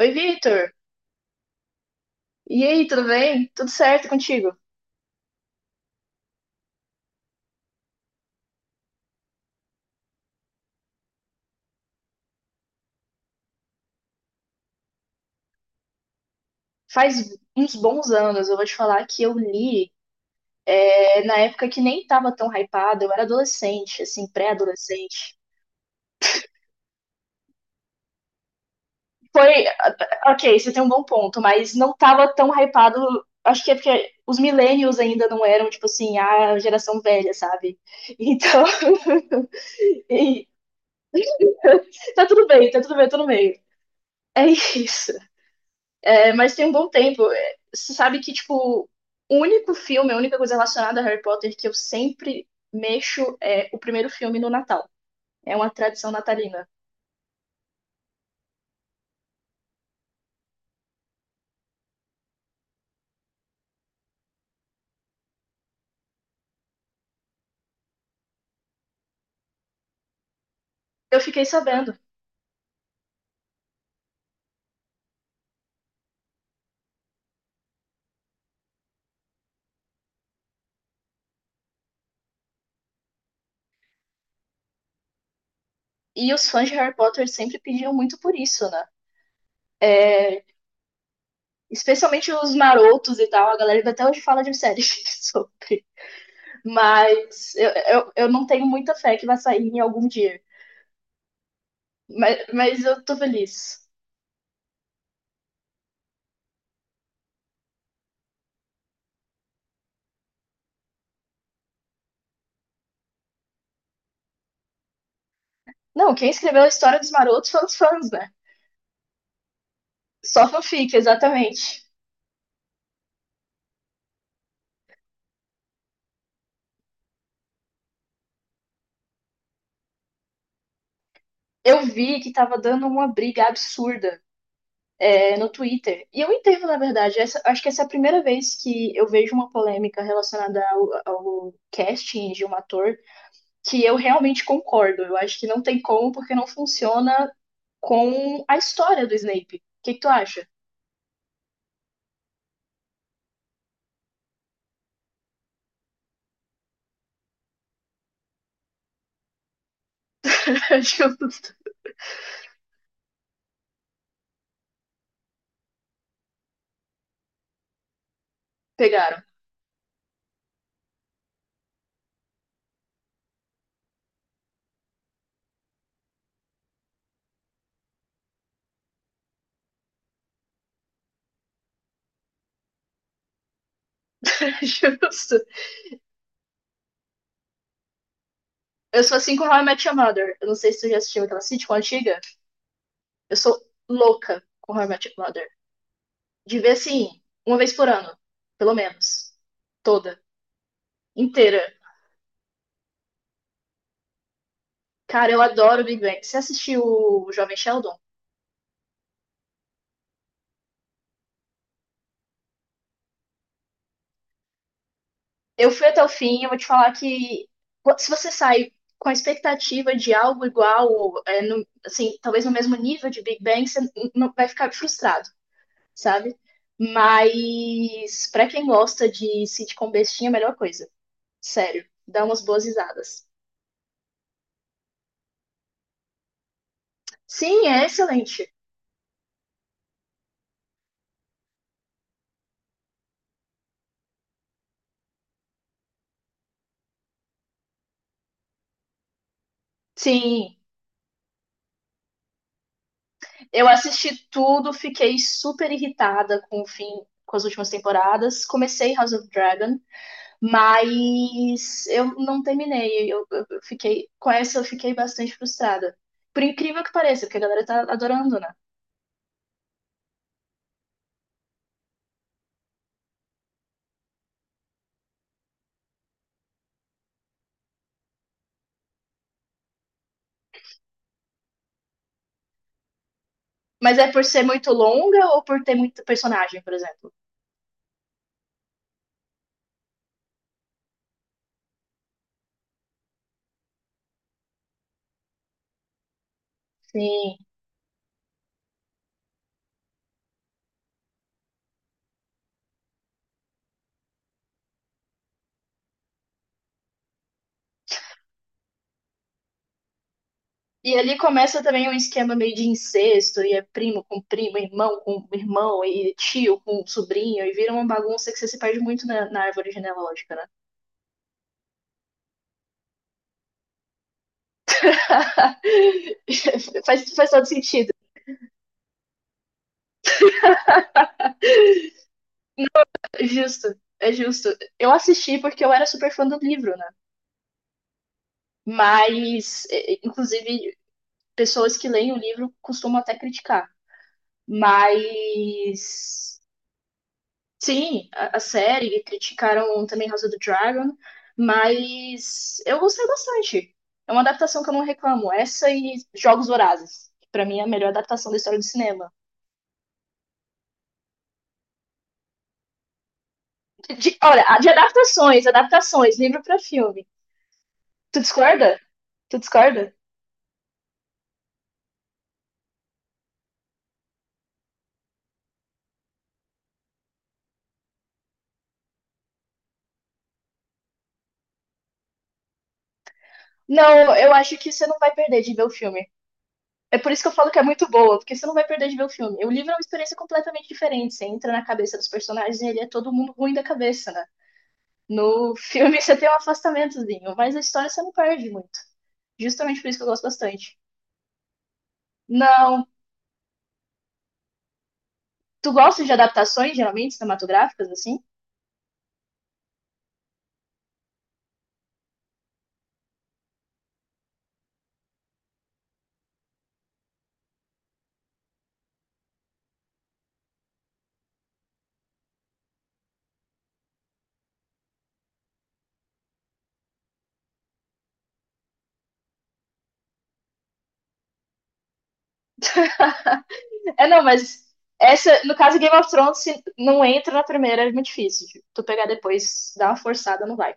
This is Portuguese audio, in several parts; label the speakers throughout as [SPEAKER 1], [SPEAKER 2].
[SPEAKER 1] Oi, Victor. E aí, tudo bem? Tudo certo contigo? Faz uns bons anos, eu vou te falar que eu li, na época que nem tava tão hypado, eu era adolescente, assim, pré-adolescente. Foi, ok, você tem um bom ponto, mas não tava tão hypado, acho que é porque os millennials ainda não eram, tipo assim, a geração velha, sabe? Então, e- tá tudo bem, eu tô no meio. É isso. É, mas tem um bom tempo. É, Você sabe que, tipo, o único filme, a única coisa relacionada a Harry Potter que eu sempre mexo é o primeiro filme no Natal. É uma tradição natalina. Eu fiquei sabendo. E os fãs de Harry Potter sempre pediam muito por isso, né? Especialmente os marotos e tal. A galera até hoje fala de série sobre. Mas eu não tenho muita fé que vai sair em algum dia. Mas eu tô feliz. Não, quem escreveu a história dos marotos foram os fãs, né? Só fanfic, exatamente. Eu vi que tava dando uma briga absurda no Twitter. E eu entendo, na verdade. Acho que essa é a primeira vez que eu vejo uma polêmica relacionada ao casting de um ator que eu realmente concordo. Eu acho que não tem como, porque não funciona com a história do Snape. O que tu acha? Justo. Pegaram. Justo. Eu sou assim com How I Met Your Mother. Eu não sei se tu já assistiu aquela sitcom antiga. Eu sou louca com How I Met Your Mother. De ver assim, uma vez por ano, pelo menos. Toda, inteira. Cara, eu adoro Big Bang. Você assistiu o Jovem Sheldon? Eu fui até o fim, eu vou te falar que pô, se você sai com a expectativa de algo igual, assim, talvez no mesmo nível de Big Bang, você não vai ficar frustrado, sabe? Mas pra quem gosta de sitcom bestinha, é a melhor coisa. Sério, dá umas boas risadas. Sim, é excelente. Sim. Eu assisti tudo, fiquei super irritada com o fim, com as últimas temporadas. Comecei House of Dragon, mas eu não terminei. Eu fiquei com essa, eu fiquei bastante frustrada. Por incrível que pareça, porque a galera tá adorando, né? Mas é por ser muito longa ou por ter muito personagem, por exemplo? Sim. E ali começa também um esquema meio de incesto, e é primo com primo, irmão com irmão, e tio com sobrinho, e vira uma bagunça que você se perde muito na árvore genealógica, né? Faz, faz todo sentido. É justo, é justo. Eu assisti porque eu era super fã do livro, né? Mas, é, inclusive, pessoas que leem o livro costumam até criticar. Mas, sim, a série, criticaram também House of the Dragon, mas eu gostei bastante. É uma adaptação que eu não reclamo. Essa e Jogos Vorazes. Que pra mim é a melhor adaptação da história do cinema. Olha, a de adaptações, adaptações, livro pra filme. Tu discorda? Tu discorda? Não, eu acho que você não vai perder de ver o filme. É por isso que eu falo que é muito boa, porque você não vai perder de ver o filme. O livro é uma experiência completamente diferente. Você entra na cabeça dos personagens e ele é todo mundo ruim da cabeça, né? No filme você tem um afastamentozinho, mas a história você não perde muito. Justamente por isso que eu gosto bastante. Não, tu gosta de adaptações, geralmente, cinematográficas, assim? É, não, mas essa, no caso Game of Thrones, se não entra na primeira, é muito difícil. Tipo, tu pegar depois, dá uma forçada, não vai.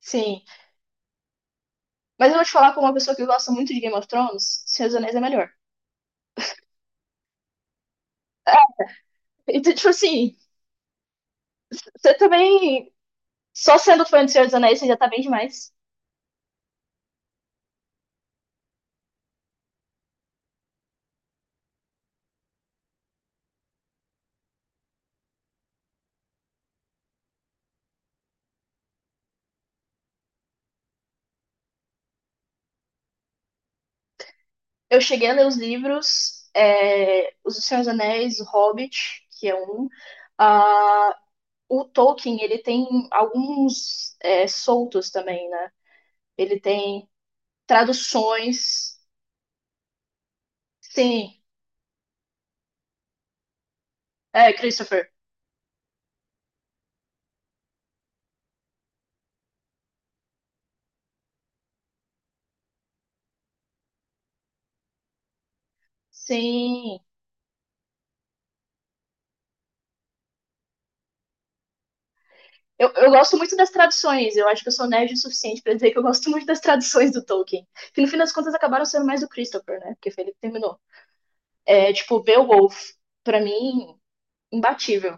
[SPEAKER 1] Sim. Mas eu vou te falar como uma pessoa que gosta muito de Game of Thrones, Senhor dos Anéis é melhor. É, então, tipo assim, você também. Só sendo fã de Senhor dos Anéis, você já tá bem demais. Eu cheguei a ler os livros, é, os do Senhor dos Anéis, o Hobbit, que é um. ah, o Tolkien, ele tem alguns soltos também, né? Ele tem traduções. Sim. É, Christopher. Sim. Eu gosto muito das traduções, eu acho que eu sou nerd o suficiente pra dizer que eu gosto muito das traduções do Tolkien. Que no fim das contas acabaram sendo mais do Christopher, né? Porque foi ele que terminou. É tipo, Beowulf, pra mim, imbatível.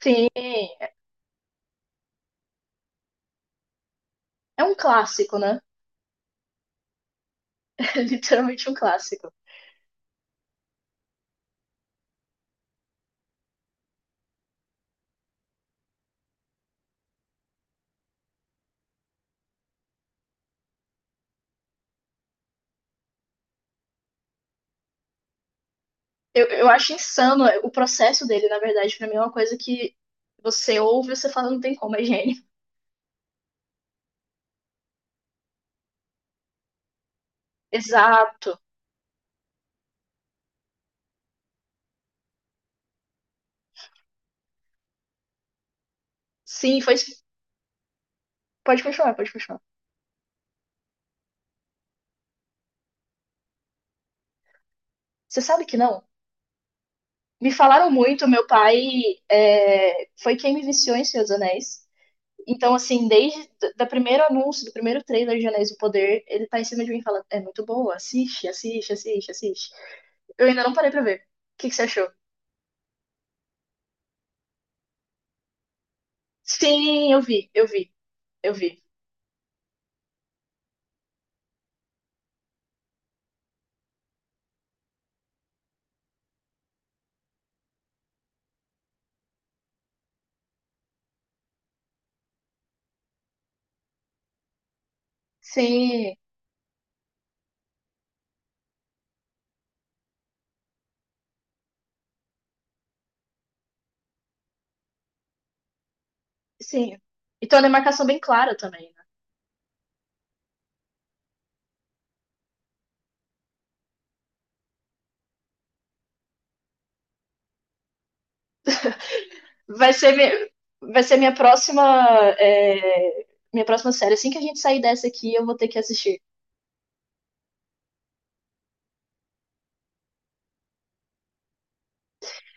[SPEAKER 1] Sim, é um clássico, né? É literalmente um clássico. Eu acho insano o processo dele, na verdade, pra mim é uma coisa que você ouve e você fala, não tem como, é gênio. Exato. Sim, foi. Pode continuar, pode continuar. Você sabe que não? Me falaram muito, meu pai foi quem me viciou em Senhor dos Anéis. Então, assim, desde o primeiro anúncio, do primeiro trailer de Anéis do Poder, ele tá em cima de mim e fala, é muito boa, assiste, assiste, assiste, assiste. Eu ainda não parei pra ver. O que você achou? Sim, eu vi. Sim, sim. E tem uma demarcação bem clara também, né? Vai ser, mi- vai ser minha próxima, é, minha próxima série. Assim que a gente sair dessa aqui, eu vou ter que assistir.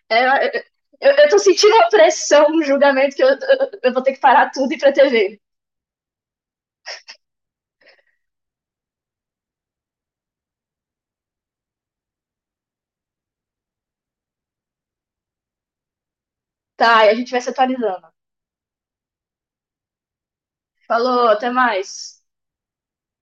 [SPEAKER 1] É, eu tô sentindo a pressão no julgamento que eu vou ter que parar tudo e ir pra TV. Tá, e a gente vai se atualizando. Falou, até mais.